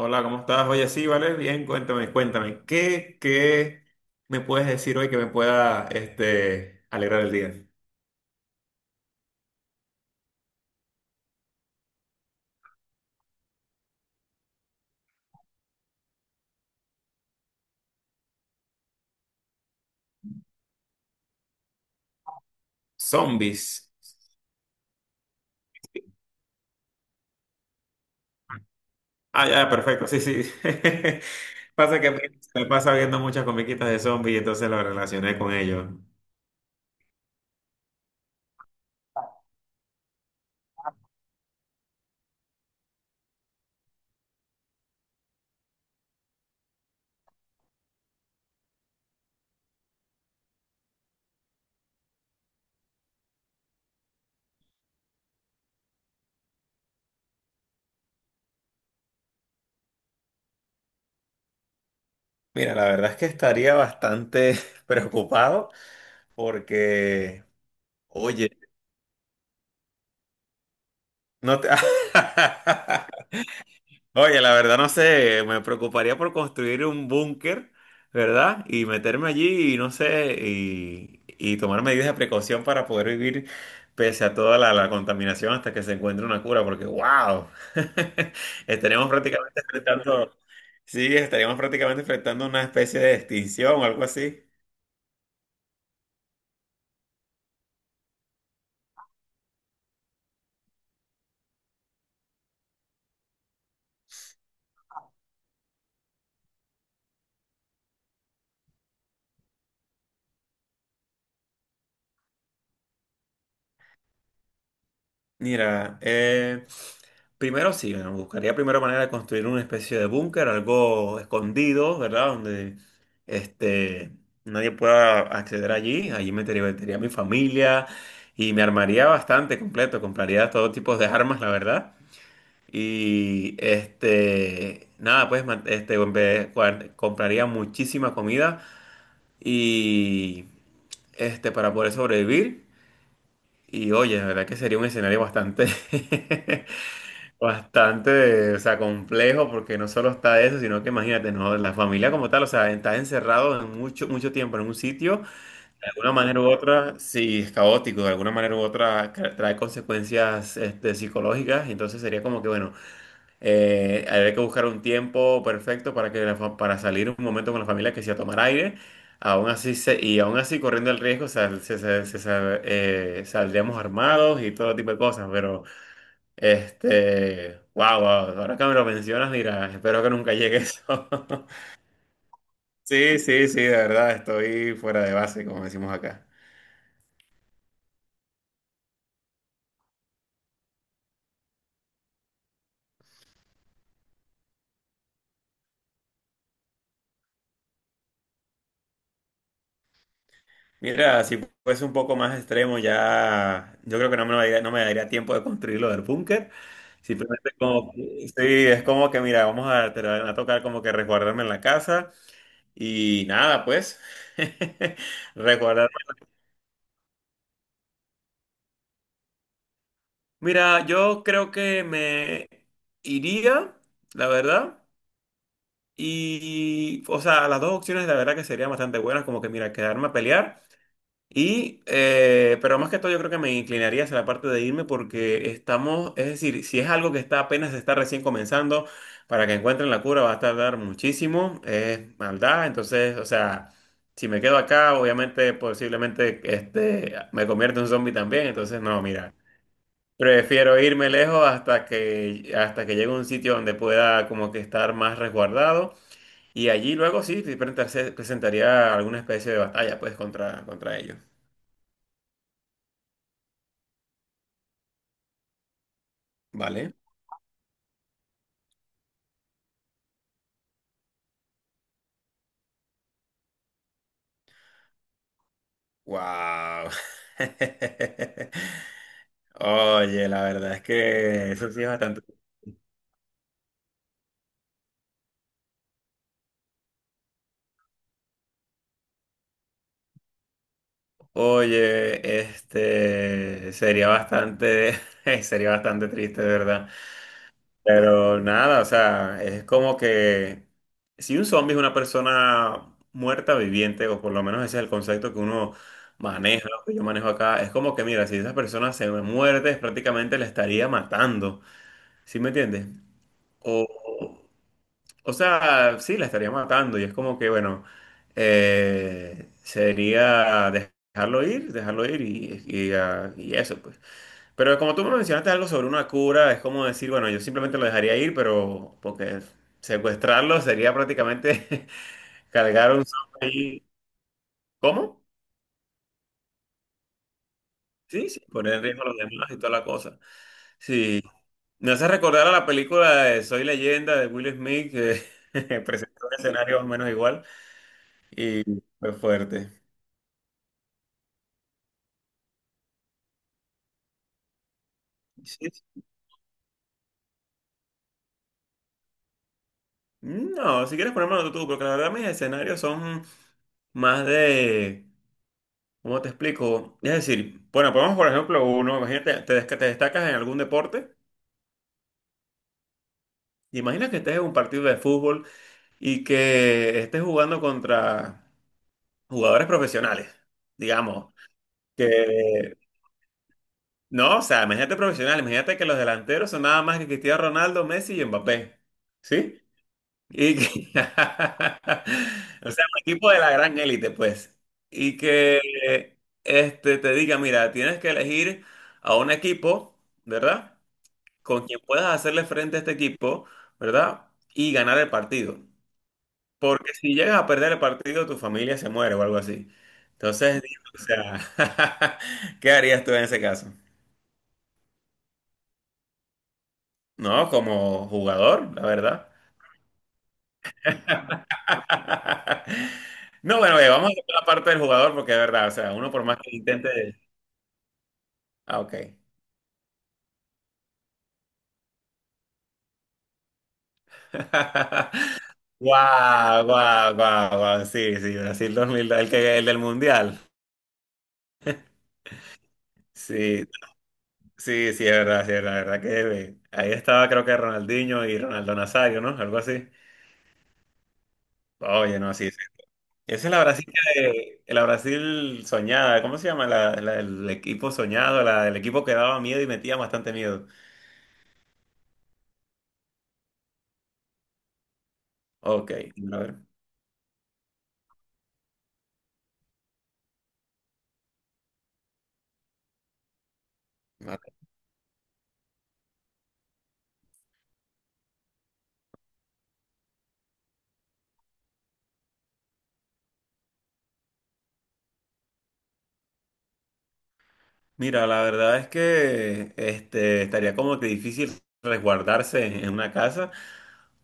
Hola, ¿cómo estás? Oye, sí, vale, bien, cuéntame, cuéntame, ¿qué me puedes decir hoy que me pueda, alegrar el día? Zombies. Ah, ya, perfecto, sí, sí. Pasa que me pasa viendo muchas comiquitas de zombies y entonces lo relacioné con ellos. Mira, la verdad es que estaría bastante preocupado porque, oye, no te... Oye, la verdad no sé, me preocuparía por construir un búnker, ¿verdad? Y meterme allí y no sé, y tomar medidas de precaución para poder vivir pese a toda la contaminación hasta que se encuentre una cura, porque wow, estaríamos prácticamente enfrentando, sí, estaríamos prácticamente enfrentando una especie de extinción o algo así. Mira, primero sí, bueno, buscaría primero manera de construir una especie de búnker, algo escondido, ¿verdad? Donde este, nadie pueda acceder allí. Allí me metería a mi familia y me armaría bastante completo. Compraría todo tipo de armas, la verdad. Y nada, pues compraría muchísima comida y para poder sobrevivir. Y oye, la verdad que sería un escenario bastante Bastante, o sea, complejo porque no solo está eso, sino que imagínate, ¿no? La familia como tal, o sea, está encerrado en mucho, mucho tiempo en un sitio, de alguna manera u otra, sí, es caótico, de alguna manera u otra trae consecuencias psicológicas, entonces sería como que, bueno, habría que buscar un tiempo perfecto para, que para salir un momento con la familia que sea a tomar aire, aún así, y aún así corriendo el riesgo, saldríamos armados y todo tipo de cosas, pero... wow, wow, ahora que me lo mencionas, mira, espero que nunca llegue eso. Sí, sí, sí, de verdad, estoy fuera de base, como decimos acá. Mira, si fuese un poco más extremo, ya yo creo que no me daría tiempo de construir lo del búnker. Simplemente como, sí, es como que, mira, vamos a, te van a tocar como que resguardarme en la casa y nada, pues, resguardarme. Mira, yo creo que me iría, la verdad. Y, o sea, las dos opciones la verdad que serían bastante buenas, como que, mira, quedarme a pelear. Y, pero más que todo yo creo que me inclinaría hacia la parte de irme porque estamos, es decir, si es algo que está recién comenzando, para que encuentren la cura va a tardar muchísimo, es maldad, entonces, o sea, si me quedo acá, obviamente, posiblemente, me convierto en un zombie también, entonces, no, mira. Prefiero irme lejos hasta que llegue a un sitio donde pueda como que estar más resguardado. Y allí luego sí presentaría alguna especie de batalla, pues, contra, contra ellos. ¿Vale? ¡Wow! Oye, la verdad es que eso sí es bastante. Oye, este sería bastante, sería bastante triste, de verdad. Pero nada, o sea, es como que si un zombie es una persona muerta viviente, o por lo menos ese es el concepto que uno maneja, o que yo manejo acá, es como que mira, si esa persona se muerde, es prácticamente la estaría matando, ¿sí me entiendes? O, o sea, sí, la estaría matando y es como que, bueno, sería dejarlo ir y, y eso, pues. Pero como tú me mencionaste algo sobre una cura, es como decir, bueno, yo simplemente lo dejaría ir, pero porque secuestrarlo sería prácticamente cargar un zombie ahí. ¿Cómo? Sí, sí, poner en riesgo a los demás y toda la cosa. Sí. Me hace recordar a la película de Soy Leyenda de Will Smith, que presentó un escenario más o menos igual y fue fuerte. Sí. No, si quieres ponérmelo tú, porque la verdad mis escenarios son más de ¿Cómo te explico? Es decir, bueno, ponemos por ejemplo uno, imagínate, que te destacas en algún deporte, imagina que estés en un partido de fútbol y que estés jugando contra jugadores profesionales, digamos, que, no, o sea, imagínate profesional, imagínate que los delanteros son nada más que Cristiano Ronaldo, Messi y Mbappé, ¿sí? Y que, o sea, un equipo de la gran élite, pues, y que te diga, mira, tienes que elegir a un equipo, ¿verdad? Con quien puedas hacerle frente a este equipo, ¿verdad? Y ganar el partido. Porque si llegas a perder el partido, tu familia se muere o algo así. Entonces, digo, o sea, ¿qué harías tú en ese caso? No, como jugador, la verdad. No, bueno, vamos a hacer la parte del jugador porque es verdad, o sea, uno por más que intente... Ah, ok. Guau, guau, guau, guau. Sí, sí, Brasil 2002, el que, el del Mundial. Sí, sí, sí, es verdad, la verdad que ahí estaba creo que Ronaldinho y Ronaldo Nazario, ¿no? Algo así. Oye, no, sí, sí. Esa es la la Brasil soñada, ¿cómo se llama? La del equipo soñado, la del equipo que daba miedo y metía bastante miedo. Ok, a ver. Vale. Mira, la verdad es que estaría como que difícil resguardarse en una casa,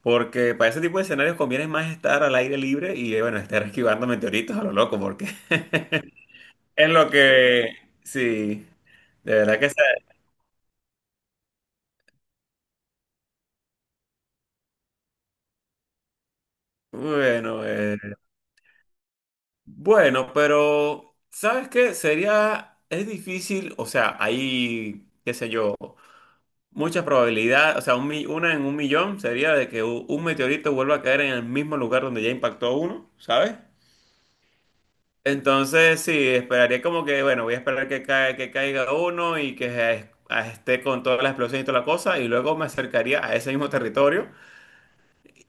porque para ese tipo de escenarios conviene más estar al aire libre y, bueno, estar esquivando meteoritos a lo loco, porque es lo que, sí, de verdad que sea, bueno, bueno, pero ¿sabes qué? Sería, es difícil, o sea, hay, qué sé yo, mucha probabilidad, o sea, una en un millón sería de que un meteorito vuelva a caer en el mismo lugar donde ya impactó uno, ¿sabes? Entonces, sí, esperaría como que, bueno, voy a esperar que, cae, que caiga uno y que eh, esté con toda la explosión y toda la cosa, y luego me acercaría a ese mismo territorio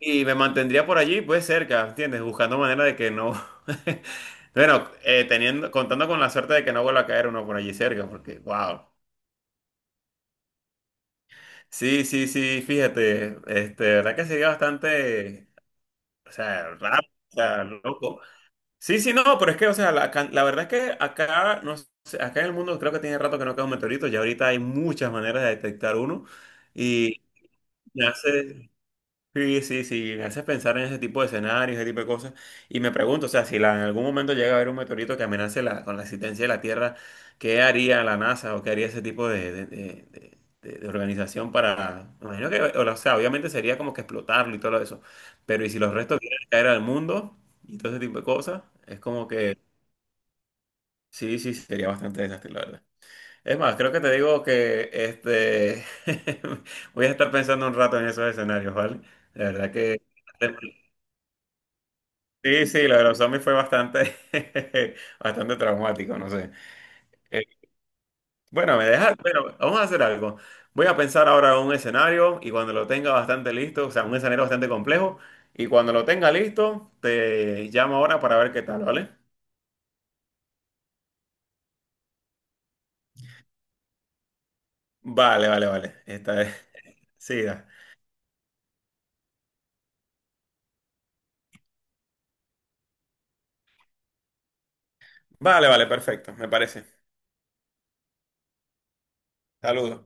y me mantendría por allí, pues cerca, ¿entiendes? Buscando manera de que no. Bueno, teniendo, contando con la suerte de que no vuelva a caer uno por allí cerca, porque, wow. Sí, sí, sí, fíjate, verdad que sería bastante, o sea, raro, o sea, loco. Sí, sí, no, pero es que, o sea, la verdad es que acá, no sé, acá en el mundo creo que tiene rato que no cae un meteorito, ya ahorita hay muchas maneras de detectar uno y hace, sí, sí, sí, me hace pensar en ese tipo de escenarios, ese tipo de cosas. Y me pregunto, o sea, si en algún momento llega a haber un meteorito que amenace la, con la existencia de la Tierra, ¿qué haría la NASA o qué haría ese tipo de, de organización para... me imagino que, o sea, obviamente sería como que explotarlo y todo eso. Pero ¿y si los restos vienen a caer al mundo y todo ese tipo de cosas? Es como que, sí, sí, sí, sería bastante desastre, la verdad. Es más, creo que te digo que voy a estar pensando un rato en esos escenarios, ¿vale? La verdad que... Sí, sí, lo de los zombies fue bastante, bastante traumático, no sé. Eh, bueno, me dejas, bueno, vamos a hacer algo. Voy a pensar ahora un escenario y cuando lo tenga bastante listo, o sea, un escenario bastante complejo, y cuando lo tenga listo, te llamo ahora para ver qué tal, ¿vale? Vale, vale, vale. Esta vez, sí, da. Vale, vale, perfecto, me parece. Saludos.